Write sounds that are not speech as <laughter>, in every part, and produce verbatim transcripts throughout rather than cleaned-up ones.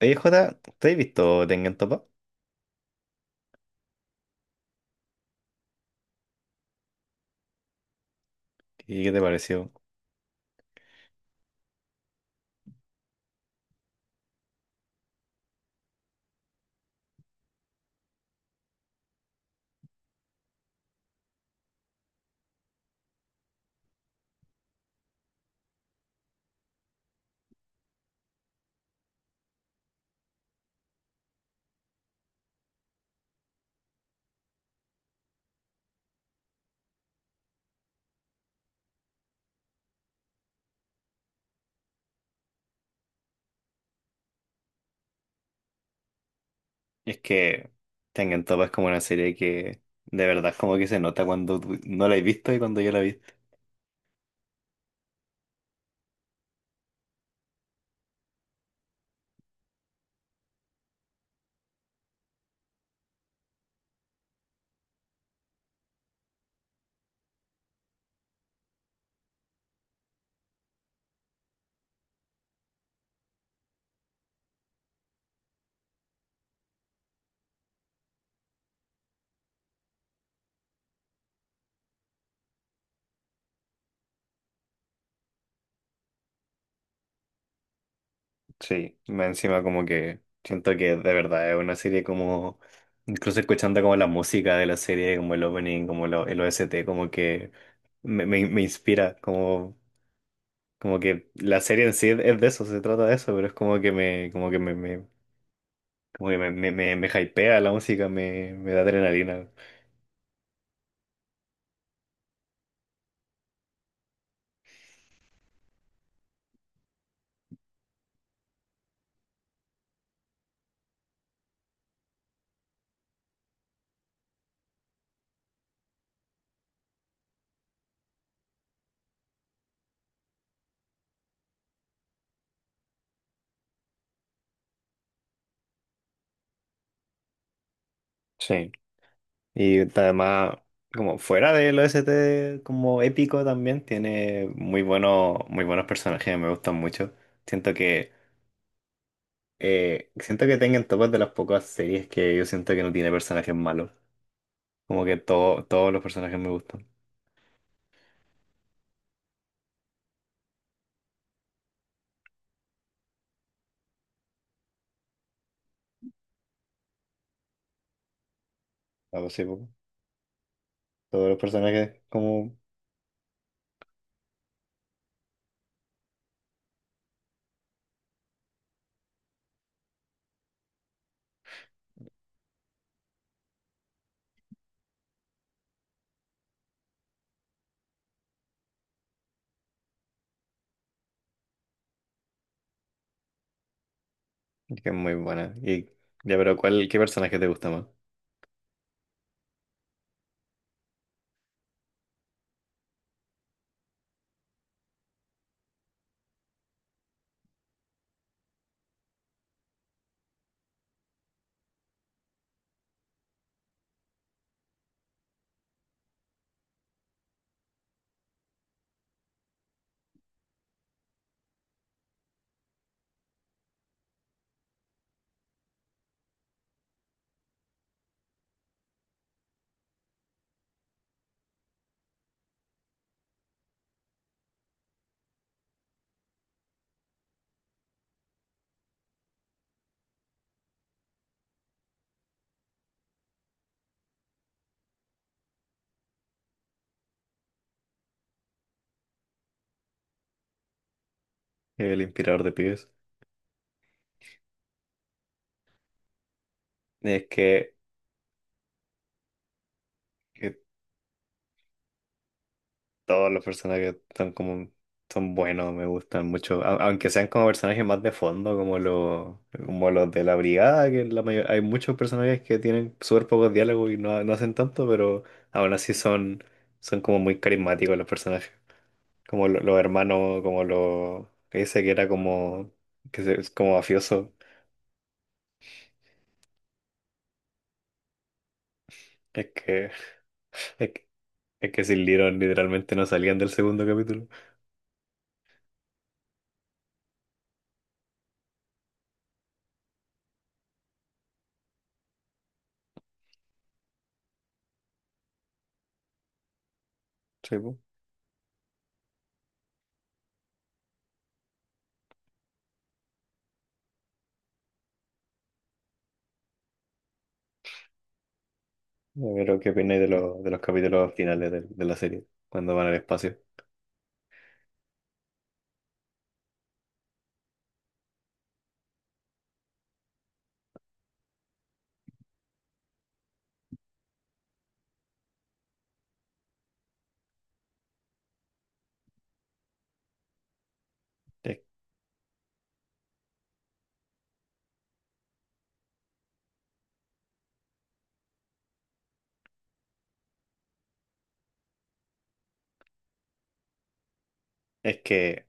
Oye, Jota, ¿te has visto Tengen Toppa? ¿Y qué te pareció? Es que Tengen Toppa es como una serie que de verdad como que se nota cuando tú no la has visto y cuando yo la he visto. Sí, más encima como que siento que de verdad es una serie como, incluso escuchando como la música de la serie, como el opening, como lo- el O S T, como que me, me- me inspira, como, como que la serie en sí es, es de eso, se trata de eso, pero es como que me, como que me, me- como que me, me, me- me hypea la música, me, me da adrenalina. Sí. Y además, como fuera del O S T como épico también, tiene muy buenos, muy buenos personajes, me gustan mucho. Siento que Eh, siento que tengan topas de las pocas series que yo siento que no tiene personajes malos. Como que todo, todos los personajes me gustan. Ah, pues sí, pues, todos los personajes como que es muy buena. Y ya, pero ¿cuál, ¿qué personaje te gusta más? El inspirador de pibes. Es que, que todos los personajes son como son buenos, me gustan mucho. A- aunque sean como personajes más de fondo, como los como los de la brigada, que la mayor- hay muchos personajes que tienen súper pocos diálogos y no, no hacen tanto, pero aún así son son como muy carismáticos los personajes, como lo- los hermanos, como los que dice que era como que se- es como mafioso. Es que <laughs> es que, es que sin Little literalmente no salían del segundo capítulo. Sí, po. Pero, ¿qué opináis de, los de los capítulos finales de, de la serie? Cuando van al espacio. Es, es que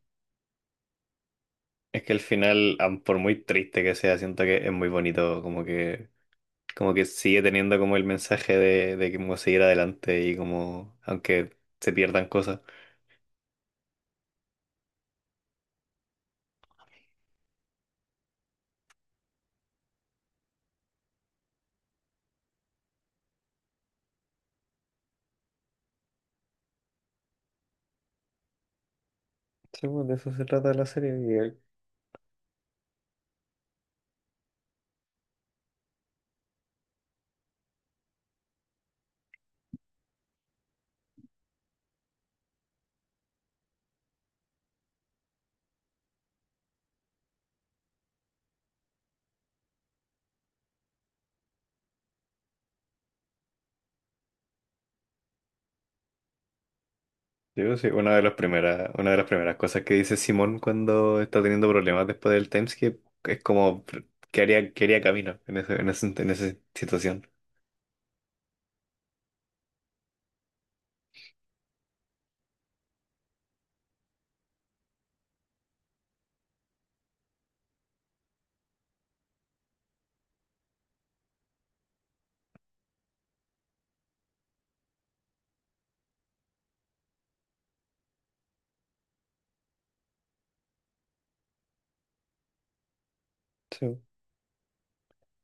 es que el final, am- por muy triste que sea, siento que es muy bonito, como que, como que sigue teniendo como el mensaje de, de cómo seguir adelante y como, aunque se pierdan cosas. Sí, pues, de eso se trata la serie. Y el- yo sí, una de las primeras, una de las primeras cosas que dice Simón cuando está teniendo problemas después del timeskip es como que haría, que haría camino en ese- en ese- en esa situación.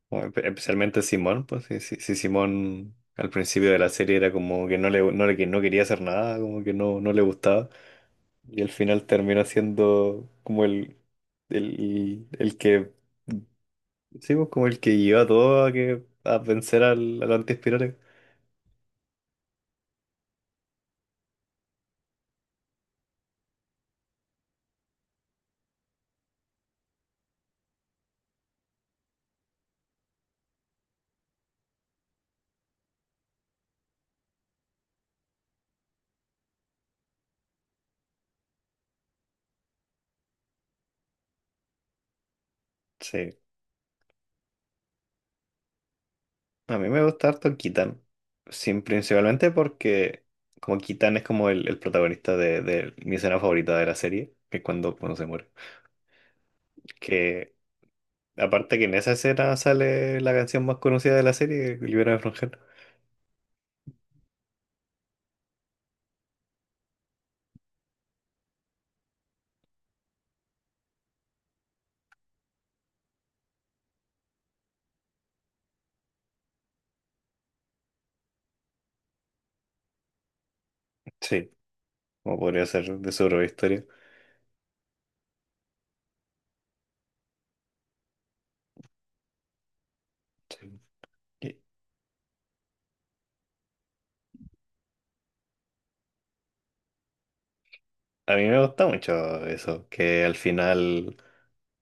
O espe- Especialmente Simón, pues sí, sí, sí, Simón al principio de la serie era como que no le, no le que- no quería hacer nada, como que no, no le gustaba. Y al final terminó siendo como el, el, el que, sí, pues, como el que llevó a todo a, que, a vencer al, al antiespirales. Sí, a mí me gusta harto Kitan. Sin principalmente porque como Kitan es como el, el protagonista de, de mi escena favorita de la serie, que es cuando, cuando se muere. Que Aparte que en esa escena sale la canción más conocida de la serie, Libera de Frangel. Sí, como podría ser de su propia historia. Sí. Y A mí me gusta mucho eso, que al final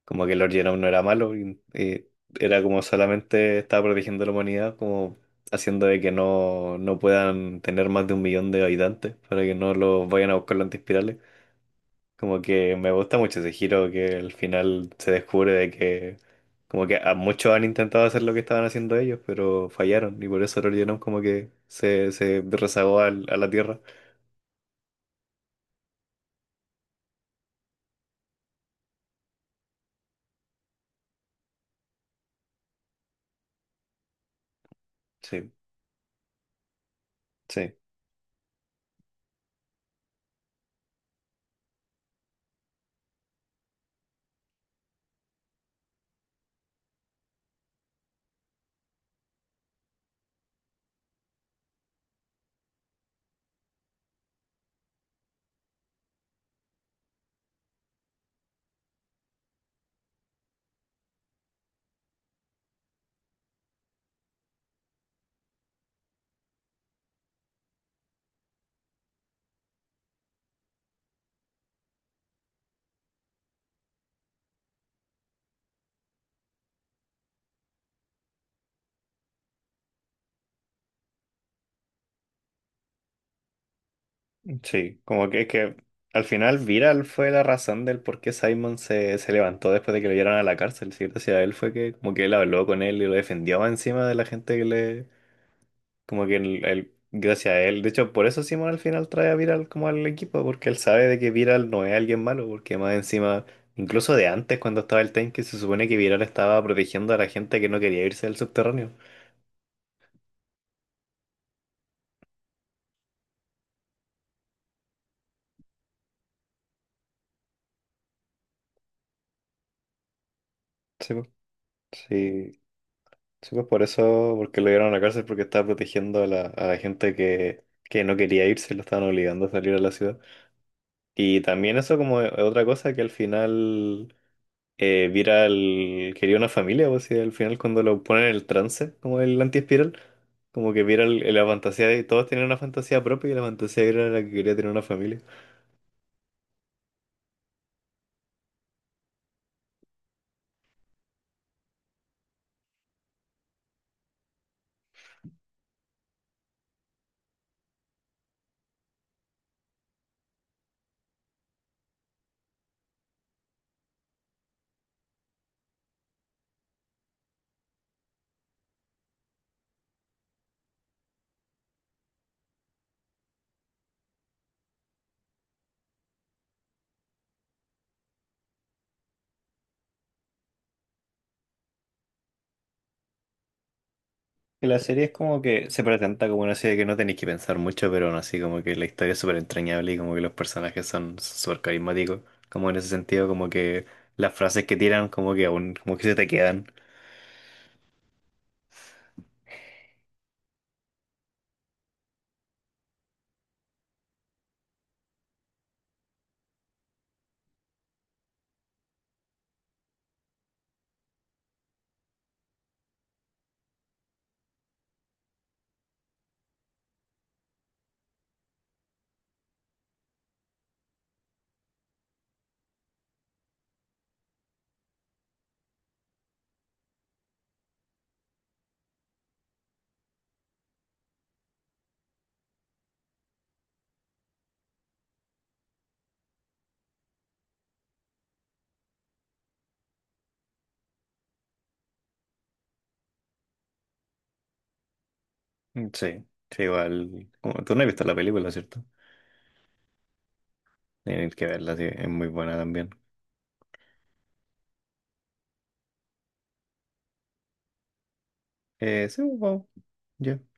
como que Lord Genome no era malo y, y era como solamente estaba protegiendo a la humanidad, como haciendo de que no, no puedan tener más de un millón de habitantes para que no los vayan a buscar los antiespirales. Como que me gusta mucho ese giro que al final se descubre de que como que a muchos han intentado hacer lo que estaban haciendo ellos, pero fallaron y por eso el Orionon como que se, se rezagó al- a la Tierra. Sí, sí, sí. Como que es que al final Viral fue la razón del por qué Simon se, se levantó después de que lo llevaron a la cárcel, ¿sí? Gracias a él fue que como que él habló con él y lo defendió encima de la gente que le, Como que el, el- gracias a él. De hecho, por eso Simon al final trae a Viral como al equipo, porque él sabe de que Viral no es alguien malo, porque más encima, incluso de antes cuando estaba el tanque, se supone que Viral estaba protegiendo a la gente que no quería irse del subterráneo. Sí, pues, sí, sí, pues por eso, porque lo dieron a la cárcel, porque estaba protegiendo a la, a la gente que, que no quería irse, lo estaban obligando a salir a la ciudad. Y también eso como otra cosa que al final... eh, Viral quería una familia, o sea al final cuando lo ponen en el trance, como el anti-espiral, como que viera el la fantasía de todos tenían una fantasía propia y la fantasía de Viral era la que quería tener una familia. Y la serie es como que se presenta como una serie que no tenéis que pensar mucho, pero aún así como que la historia es súper entrañable y como que los personajes son súper carismáticos, como en ese sentido, como que las frases que tiran como que aún, como que se te quedan. Mm, sí, sí, igual, como, tú no has visto la película, ¿cierto? Tienes que verla, sí, es muy buena también. Eh, sí, wow. Ya.